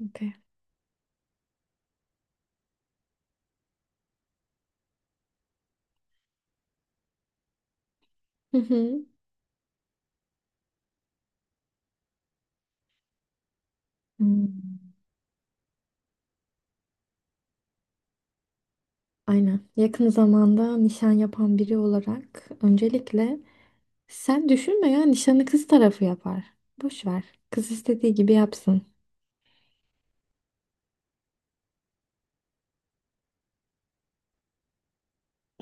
Okey. Hı hı. Hmm. Aynen. Yakın zamanda nişan yapan biri olarak öncelikle sen düşünme ya, nişanı kız tarafı yapar. Boş ver. Kız istediği gibi yapsın.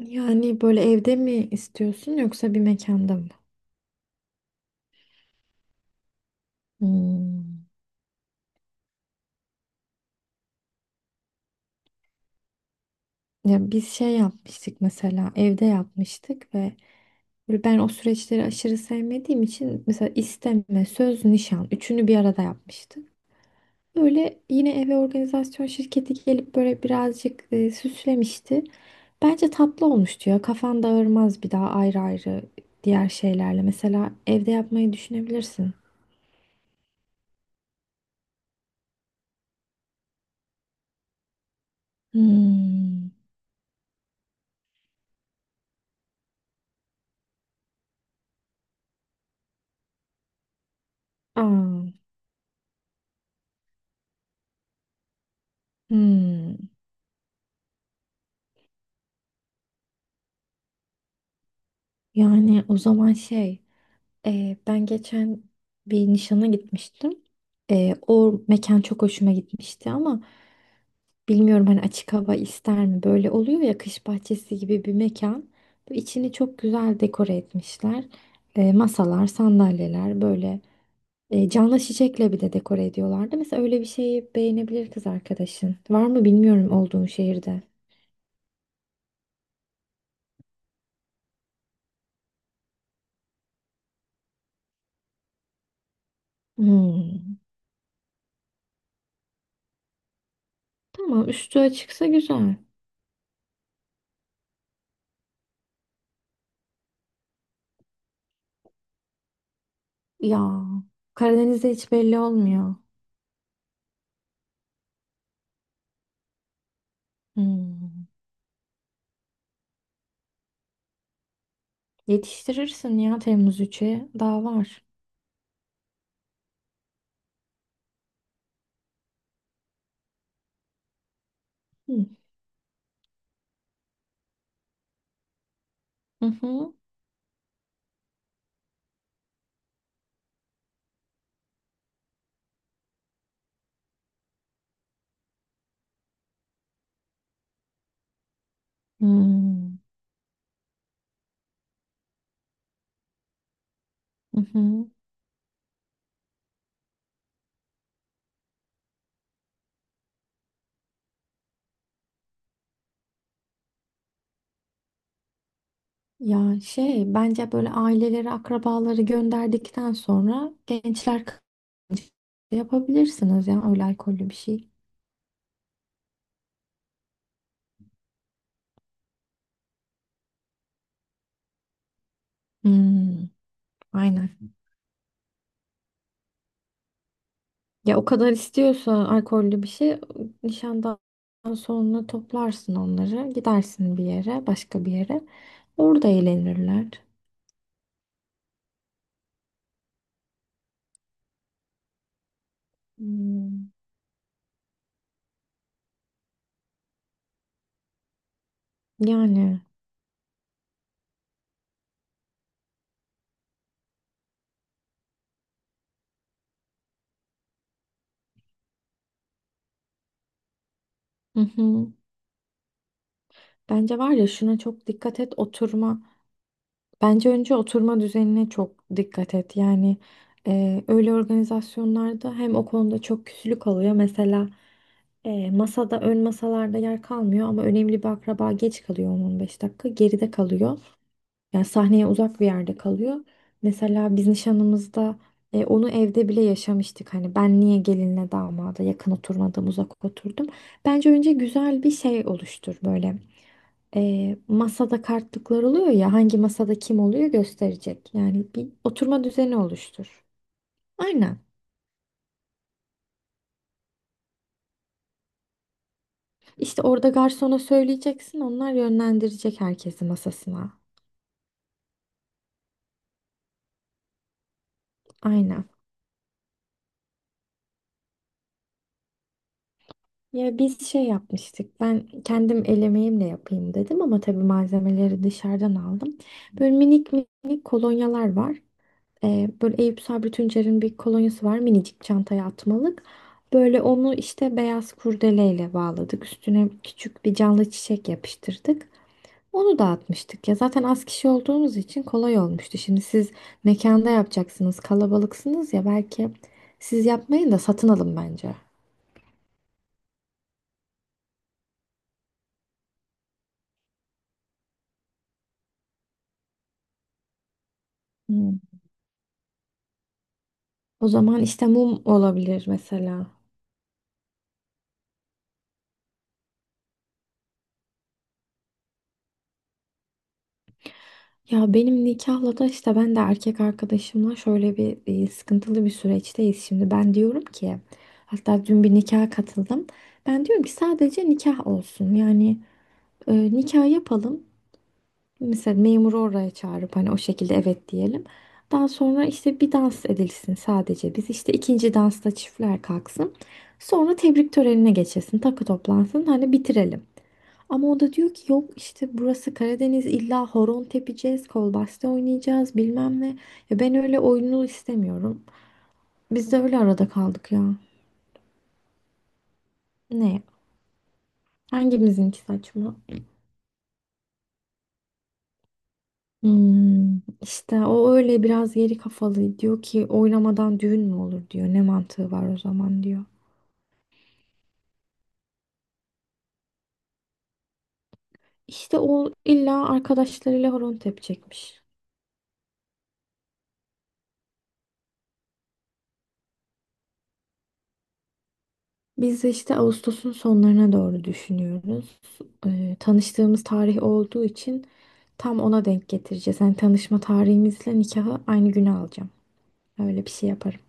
Yani böyle evde mi istiyorsun yoksa bir mekanda mı? Hmm. Ya biz şey yapmıştık, mesela evde yapmıştık ve böyle ben o süreçleri aşırı sevmediğim için mesela isteme, söz, nişan üçünü bir arada yapmıştık. Öyle yine eve organizasyon şirketi gelip böyle birazcık süslemişti. Bence tatlı olmuştu ya. Kafan dağılmaz bir daha ayrı ayrı diğer şeylerle. Mesela evde yapmayı düşünebilirsin. Hmm. Aa, hmm. Yani o zaman şey, ben geçen bir nişana gitmiştim. O mekan çok hoşuma gitmişti ama bilmiyorum, hani açık hava ister mi? Böyle oluyor ya, kış bahçesi gibi bir mekan. Bu içini çok güzel dekore etmişler. Masalar, sandalyeler böyle canlı çiçekle bir de dekore ediyorlardı. Mesela öyle bir şeyi beğenebilir kız arkadaşın. Var mı bilmiyorum olduğun şehirde. Hmm. Tamam, üstü açıksa güzel. Ya, Karadeniz'de hiç belli olmuyor. Hmm. Yetiştirirsin ya Temmuz 3'e. Daha var. Hı hı. Hı hı. Hı hı. Ya şey, bence böyle aileleri, akrabaları gönderdikten sonra gençler kaçıncı yapabilirsiniz ya, öyle alkollü bir şey. Hmm, aynen. Ya o kadar istiyorsa alkollü bir şey, nişandan sonra toplarsın onları, gidersin bir yere, başka bir yere, orada eğlenirler. Hmm, yani hı hı. Bence var ya, şuna çok dikkat et: oturma. Bence önce oturma düzenine çok dikkat et. Yani öyle organizasyonlarda hem o konuda çok küslük oluyor. Mesela masada, ön masalarda yer kalmıyor ama önemli bir akraba geç kalıyor, 10-15 dakika geride kalıyor. Yani sahneye uzak bir yerde kalıyor. Mesela biz nişanımızda onu evde bile yaşamıştık. Hani ben niye gelinle damada yakın oturmadım, uzak oturdum. Bence önce güzel bir şey oluştur, böyle masada kartlıklar oluyor ya, hangi masada kim oluyor gösterecek. Yani bir oturma düzeni oluştur. Aynen. İşte orada garsona söyleyeceksin, onlar yönlendirecek herkesi masasına. Aynen. Ya biz şey yapmıştık. Ben kendim el emeğimle yapayım dedim ama tabii malzemeleri dışarıdan aldım. Böyle minik minik kolonyalar var. Böyle Eyüp Sabri Tüncer'in bir kolonyası var, minicik çantaya atmalık. Böyle onu işte beyaz kurdeleyle bağladık. Üstüne küçük bir canlı çiçek yapıştırdık. Onu dağıtmıştık ya. Zaten az kişi olduğumuz için kolay olmuştu. Şimdi siz mekanda yapacaksınız, kalabalıksınız ya, belki siz yapmayın da satın alın bence. Hmm. O zaman işte mum olabilir mesela. Ya benim nikahla da işte, ben de erkek arkadaşımla şöyle bir sıkıntılı bir süreçteyiz şimdi. Ben diyorum ki, hatta dün bir nikaha katıldım, ben diyorum ki sadece nikah olsun. Yani nikah yapalım. Mesela memuru oraya çağırıp hani o şekilde evet diyelim. Daha sonra işte bir dans edilsin sadece. Biz işte ikinci dansta çiftler kalksın. Sonra tebrik törenine geçilsin. Takı toplansın. Hani bitirelim. Ama o da diyor ki yok işte, burası Karadeniz, illa horon tepeceğiz, kolbasta oynayacağız bilmem ne. Ya ben öyle oyunlu istemiyorum. Biz de öyle arada kaldık ya. Ne? Hangimizinki saçma? Hmm, işte o öyle biraz geri kafalı, diyor ki oynamadan düğün mü olur diyor. Ne mantığı var o zaman diyor. İşte o illa arkadaşlarıyla horon tepecekmiş. Biz işte Ağustos'un sonlarına doğru düşünüyoruz. Tanıştığımız tarih olduğu için tam ona denk getireceğiz. Yani tanışma tarihimizle nikahı aynı güne alacağım. Öyle bir şey yaparım.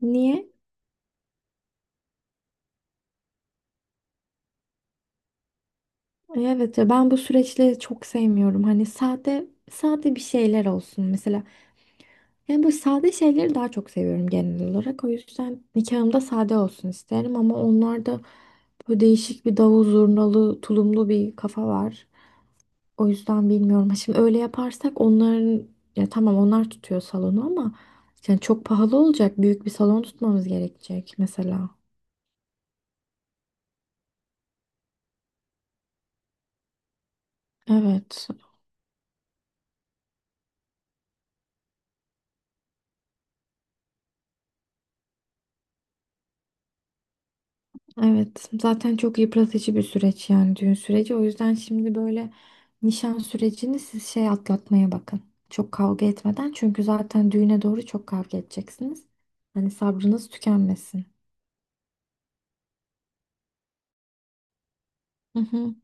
Niye? Evet ya, ben bu süreçleri çok sevmiyorum. Hani sade sade bir şeyler olsun mesela. Yani bu sade şeyleri daha çok seviyorum genel olarak. O yüzden nikahımda sade olsun isterim ama onlarda böyle değişik bir davul zurnalı, tulumlu bir kafa var. O yüzden bilmiyorum. Ha, şimdi öyle yaparsak onların, ya tamam, onlar tutuyor salonu ama yani çok pahalı olacak. Büyük bir salon tutmamız gerekecek mesela. Evet. Evet. Zaten çok yıpratıcı bir süreç, yani düğün süreci. O yüzden şimdi böyle nişan sürecini siz şey atlatmaya bakın. Çok kavga etmeden. Çünkü zaten düğüne doğru çok kavga edeceksiniz. Hani sabrınız tükenmesin. Hı hı.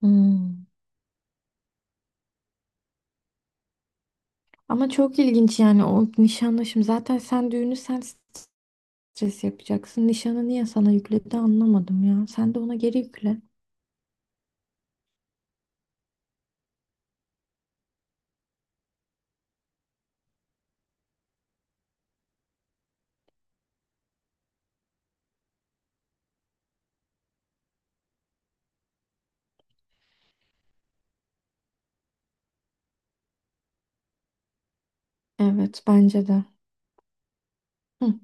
Hmm. Ama çok ilginç yani o nişanlaşım. Zaten sen düğünü, sen stres yapacaksın. Nişanı niye sana yükledi anlamadım ya. Sen de ona geri yükle. Evet, bence de. Hı.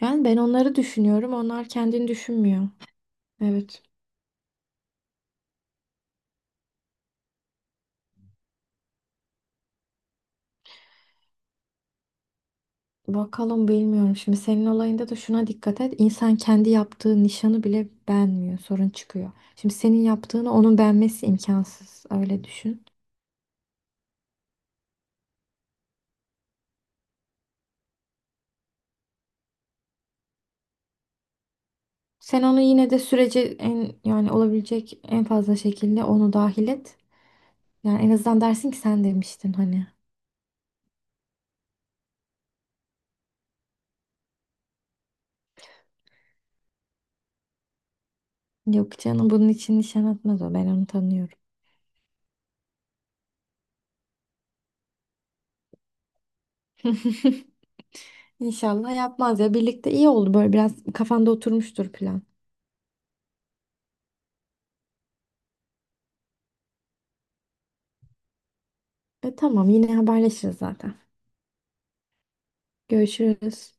Yani ben onları düşünüyorum. Onlar kendini düşünmüyor. Evet. Bakalım, bilmiyorum. Şimdi senin olayında da şuna dikkat et. İnsan kendi yaptığı nişanı bile beğenmiyor. Sorun çıkıyor. Şimdi senin yaptığını onun beğenmesi imkansız. Öyle düşün. Sen onu yine de sürece, en yani olabilecek en fazla şekilde onu dahil et. Yani en azından dersin ki sen demiştin hani. Yok canım, bunun için nişan atmaz o. Ben onu tanıyorum. İnşallah yapmaz ya. Birlikte iyi oldu, böyle biraz kafanda oturmuştur plan. E tamam, yine haberleşiriz zaten. Görüşürüz.